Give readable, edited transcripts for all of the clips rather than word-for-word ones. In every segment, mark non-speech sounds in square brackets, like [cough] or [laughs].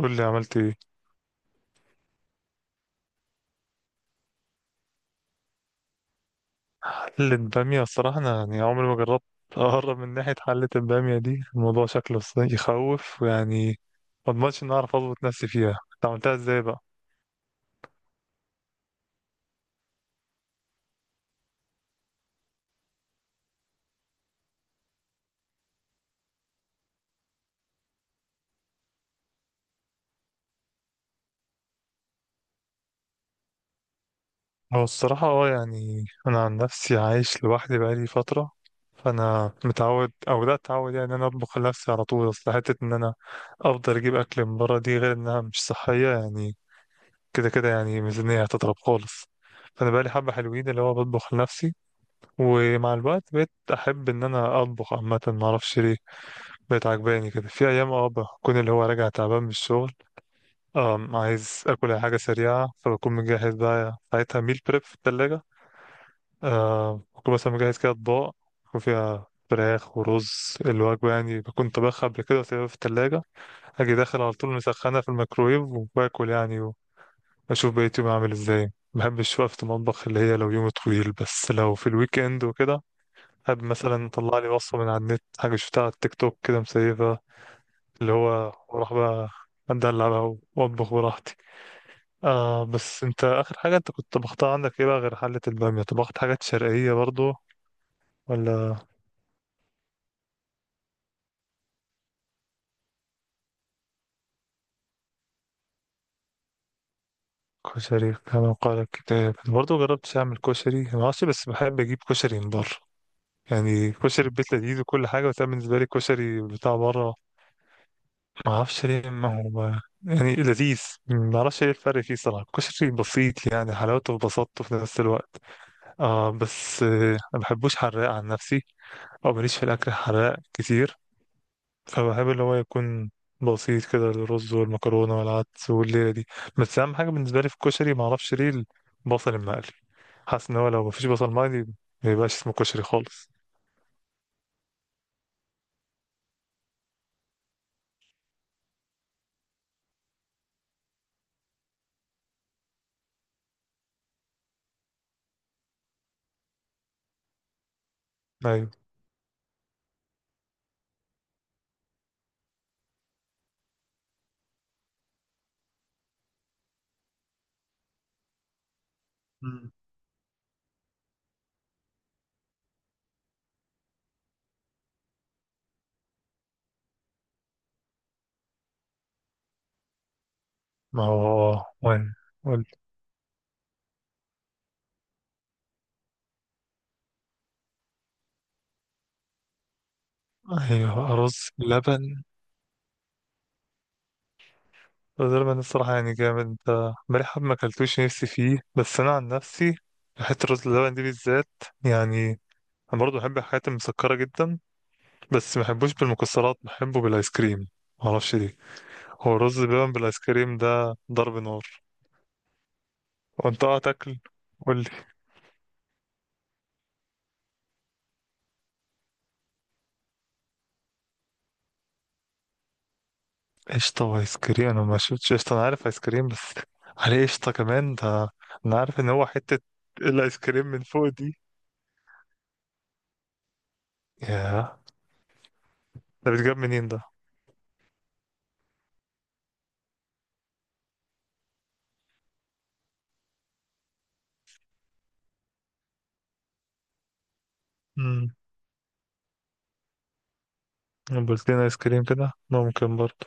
قول لي عملت ايه. حلة بامية، الصراحة انا يعني عمري ما جربت اقرب من ناحية حلة البامية دي. الموضوع شكله يخوف ويعني ما اضمنش ان اعرف اظبط نفسي فيها. انت عملتها ازاي بقى؟ هو الصراحة يعني انا عن نفسي عايش لوحدي بقالي فترة، فانا متعود او بدأت اتعود يعني ان انا اطبخ لنفسي على طول. اصل حتة ان انا افضل اجيب اكل من بره، دي غير انها مش صحية يعني، كده كده يعني ميزانية هتضرب خالص. فانا بقالي حبة حلوين اللي هو بطبخ لنفسي. ومع الوقت بقيت احب ان انا اطبخ عامه، ما اعرفش ليه بقت عجباني كده. في ايام بكون اللي هو راجع تعبان من الشغل، عايز اكل أي حاجه سريعه، فبكون مجهز بقى ساعتها ميل بريب في الثلاجه. بكون مثلا مجهز كده اطباق يكون فيها فراخ ورز، الوجبه يعني بكون طبخها قبل كده وسايبها في الثلاجه، اجي داخل على طول مسخنه في الميكرويف وباكل يعني، واشوف بقيت يومي عامل ازاي. ما بحبش وقفة المطبخ اللي هي لو يوم طويل، بس لو في الويك اند وكده، مثلا طلع لي وصفة من على النت، حاجة شفتها على التيك توك كده مسيفة، اللي هو وراح بقى، أدلع بقى وأطبخ براحتي. آه، بس أنت آخر حاجة أنت كنت طبختها عندك إيه بقى غير حلة البامية؟ طبخت حاجات شرقية برضو ولا؟ كشري كما قال الكتاب برضو، جربتش أعمل كشري معرفش، بس بحب أجيب كشري من بره. يعني كشري البيت لذيذ وكل حاجة، بس أنا بالنسبة لي كشري بتاع بره، معرفش ليه، ما هو يعني لذيذ. معرفش ايه الفرق فيه صراحة. كشري بسيط يعني، حلاوته في بساطته في نفس الوقت. اه بس ما بحبوش حراق عن نفسي، او ماليش في الاكل حراق كتير. فبحب اللي هو يكون بسيط كده، الرز والمكرونه والعدس والليله دي. بس اهم حاجه بالنسبه لي في الكشري، ما اعرفش ليه، البصل المقلي. حاسس ان هو لو مفيش بصل مقلي ما يبقاش اسمه كشري خالص. ايوه. مم. ما هو. اه وين. قول- ايوه، رز لبن. رز لبن الصراحه يعني جامد. بقالي حب ما اكلتوش نفسي فيه، بس انا عن نفسي حته رز اللبن دي بالذات يعني، انا برضه بحب الحاجات المسكره جدا، بس ما بحبوش بالمكسرات، بحبه بالايس كريم، ما اعرفش ليه. هو الرز بلبن بالايس كريم ده ضرب نار. وانت تاكل؟ قول لي. قشطه وايس كريم؟ انا ما شفتش قشطه، انا عارف ايس كريم بس. عليه قشطه كمان ده؟ انا عارف ان هو حته الايس كريم من فوق دي. ياه، ده بيتجاب منين ده؟ امم. بولتين ايس كريم كده ممكن برضه.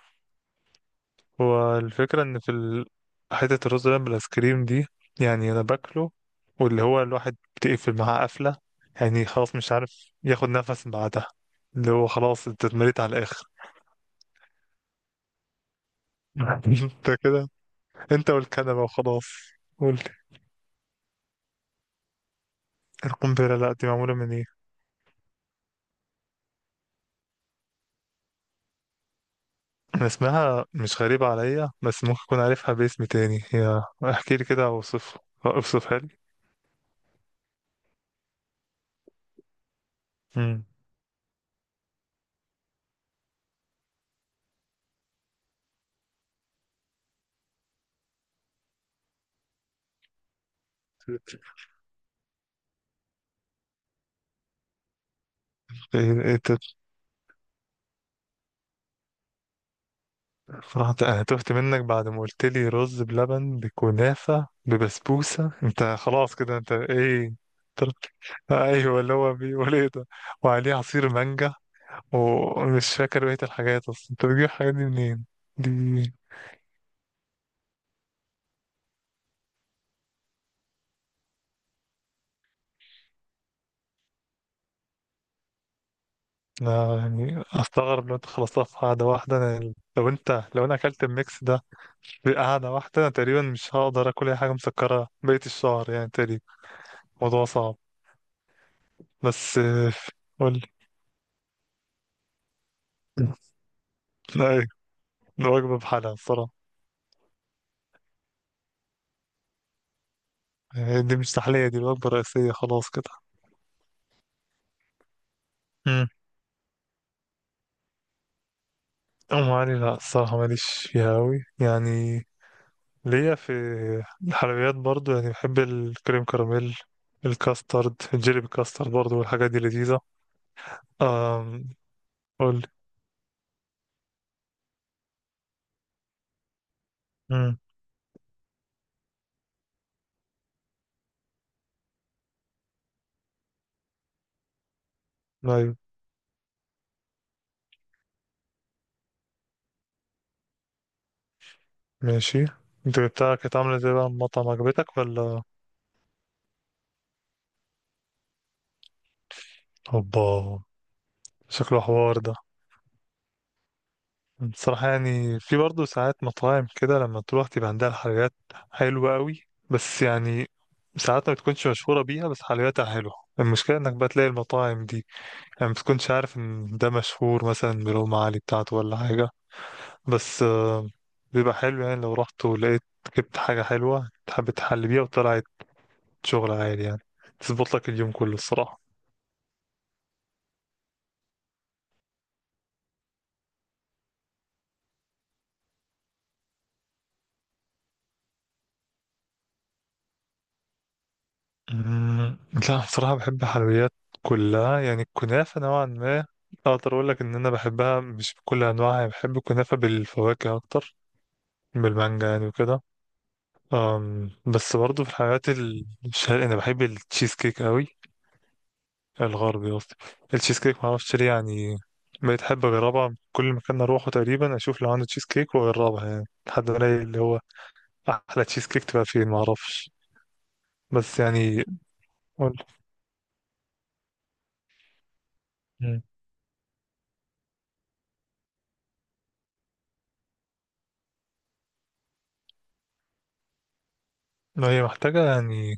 هو الفكرة إن في حتة الرز بلبن بالآيسكريم دي، يعني أنا باكله واللي هو الواحد بتقفل معاه قفلة يعني، خلاص مش عارف ياخد نفس بعدها، اللي هو خلاص أنت اتمريت على الآخر. [laughs] أنت كده، أنت والكنبة وخلاص. قول. القنبلة؟ لأ، دي معمولة من إيه؟ أنا اسمها مش غريبة عليا، بس ممكن أكون عارفها باسم تاني. هي احكي لي كده، أوصف، أوصفها لي. مم. إيه- إيه- صراحة أنا تهت منك بعد ما قلت لي رز بلبن بكنافة ببسبوسة. أنت خلاص كده، أنت إيه؟ طلع- أيوه، اللي هو بيقول إيه ده؟ وعليه عصير مانجا، ومش فاكر بقية الحاجات أصلا. أنت بتجيب الحاجات دي منين؟ دي أنا يعني أستغرب لو أنت خلصتها في قعدة واحدة. أنا لو أنت لو أنا أكلت الميكس ده في قعدة واحدة، أنا تقريبا مش هقدر آكل أي حاجة مسكرة بقية الشهر يعني تقريبا. الموضوع صعب. بس قول لي. أيوه. الوجبة بحالها الصراحة. يعني دي مش تحلية، دي وجبة رئيسية خلاص كده. امم. أم علي؟ لا الصراحة ماليش فيها أوي يعني، ليا في الحلويات برضو يعني، بحب الكريم كراميل، الكاسترد، الجيلي بالكاسترد برضو، والحاجات دي لذيذة. أم قول. امم. أيوة. ماشي. انت بتاعك كانت عاملة ازاي بقى المطعم، عجبتك ولا؟ هوبا، شكله حوار ده. بصراحة يعني في برضه ساعات مطاعم كده لما تروح تبقى عندها الحلويات حلوة قوي، بس يعني ساعات ما بتكونش مشهورة بيها بس حلوياتها حلوة. المشكلة انك بقى تلاقي المطاعم دي يعني ما بتكونش عارف ان ده مشهور مثلا بالأم علي بتاعته ولا حاجة، بس بيبقى حلو يعني، لو رحت ولقيت جبت حاجة حلوة تحب تحل بيها وطلعت، شغل عالي يعني، تظبط لك اليوم كله الصراحة. أمم، لا بصراحة بحب الحلويات كلها يعني. الكنافة نوعا ما أقدر أقول لك إن أنا بحبها مش بكل أنواعها يعني، بحب الكنافة بالفواكه أكتر، بالمانجا يعني وكده. بس برضه في الحلويات الشرقية أنا بحب التشيز كيك أوي. الغربي قصدي التشيز كيك، معرفش ليه يعني، بقيت أحب أجربها كل مكان أروحه تقريبا، أشوف لو عنده تشيز كيك وأجربها يعني، لحد ما ألاقي اللي هو أحلى تشيز كيك تبقى فين معرفش. بس يعني. قول. مم. ما هي محتاجة يعني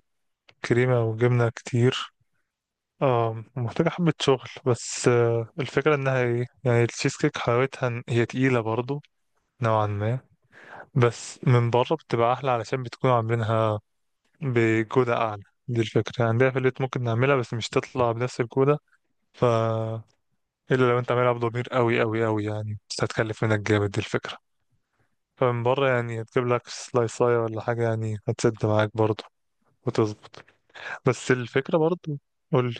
كريمة وجبنة كتير. اه محتاجة حبة شغل، بس الفكرة انها ايه يعني، التشيز كيك حلاوتها إن هي تقيلة برضو نوعا ما، بس من بره بتبقى احلى علشان بتكون عاملينها بجودة اعلى. دي الفكرة، عندنا في البيت ممكن نعملها بس مش تطلع بنفس الجودة. ف الا لو انت عاملها بضمير قوي قوي قوي يعني، بس هتكلف منك جامد، دي الفكرة. فمن بره يعني هتجيب لك سلايصاية ولا حاجة، يعني هتسد معاك برضو وتظبط. بس الفكرة برضو. قولي.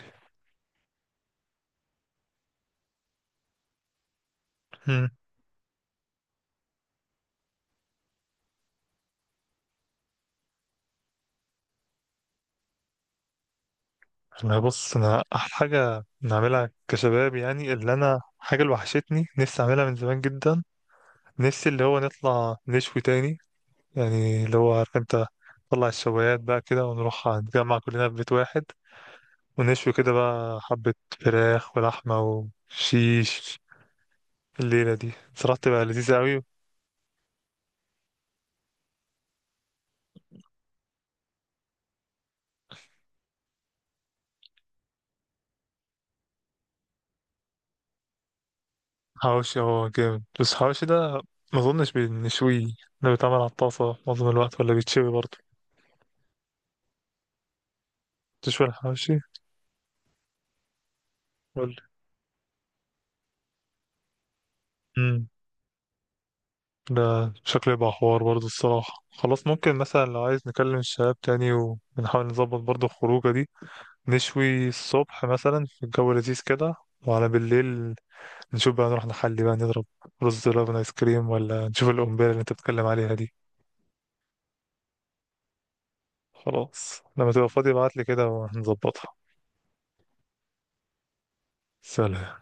انا بص، انا احلى حاجه نعملها كشباب يعني، اللي انا حاجه اللي وحشتني نفسي اعملها من زمان جدا، نفسي اللي هو نطلع نشوي تاني يعني، اللي هو عارف انت، نطلع الشوايات بقى كده ونروح نتجمع كلنا في بيت واحد ونشوي كده بقى حبه فراخ ولحمه وشيش. الليله دي صراحه تبقى لذيذه قوي. حواوشي هو جامد، بس الحواوشي ده ما اظنش بنشويه. ده بيتعمل على الطاسه معظم الوقت، ولا بيتشوي برضه؟ تشوي الحواوشي؟ قول. ده شكله يبقى حوار برضه الصراحة. خلاص ممكن مثلا لو عايز نكلم الشباب تاني ونحاول نظبط برضه الخروجة دي، نشوي الصبح مثلا في الجو لذيذ كده، وعلى بالليل نشوف بقى، نروح نحلي بقى، نضرب رز لبن ايس كريم، ولا نشوف القنبلة اللي انت بتتكلم عليها دي. خلاص لما تبقى فاضي ابعتلي كده وهنظبطها. سلام.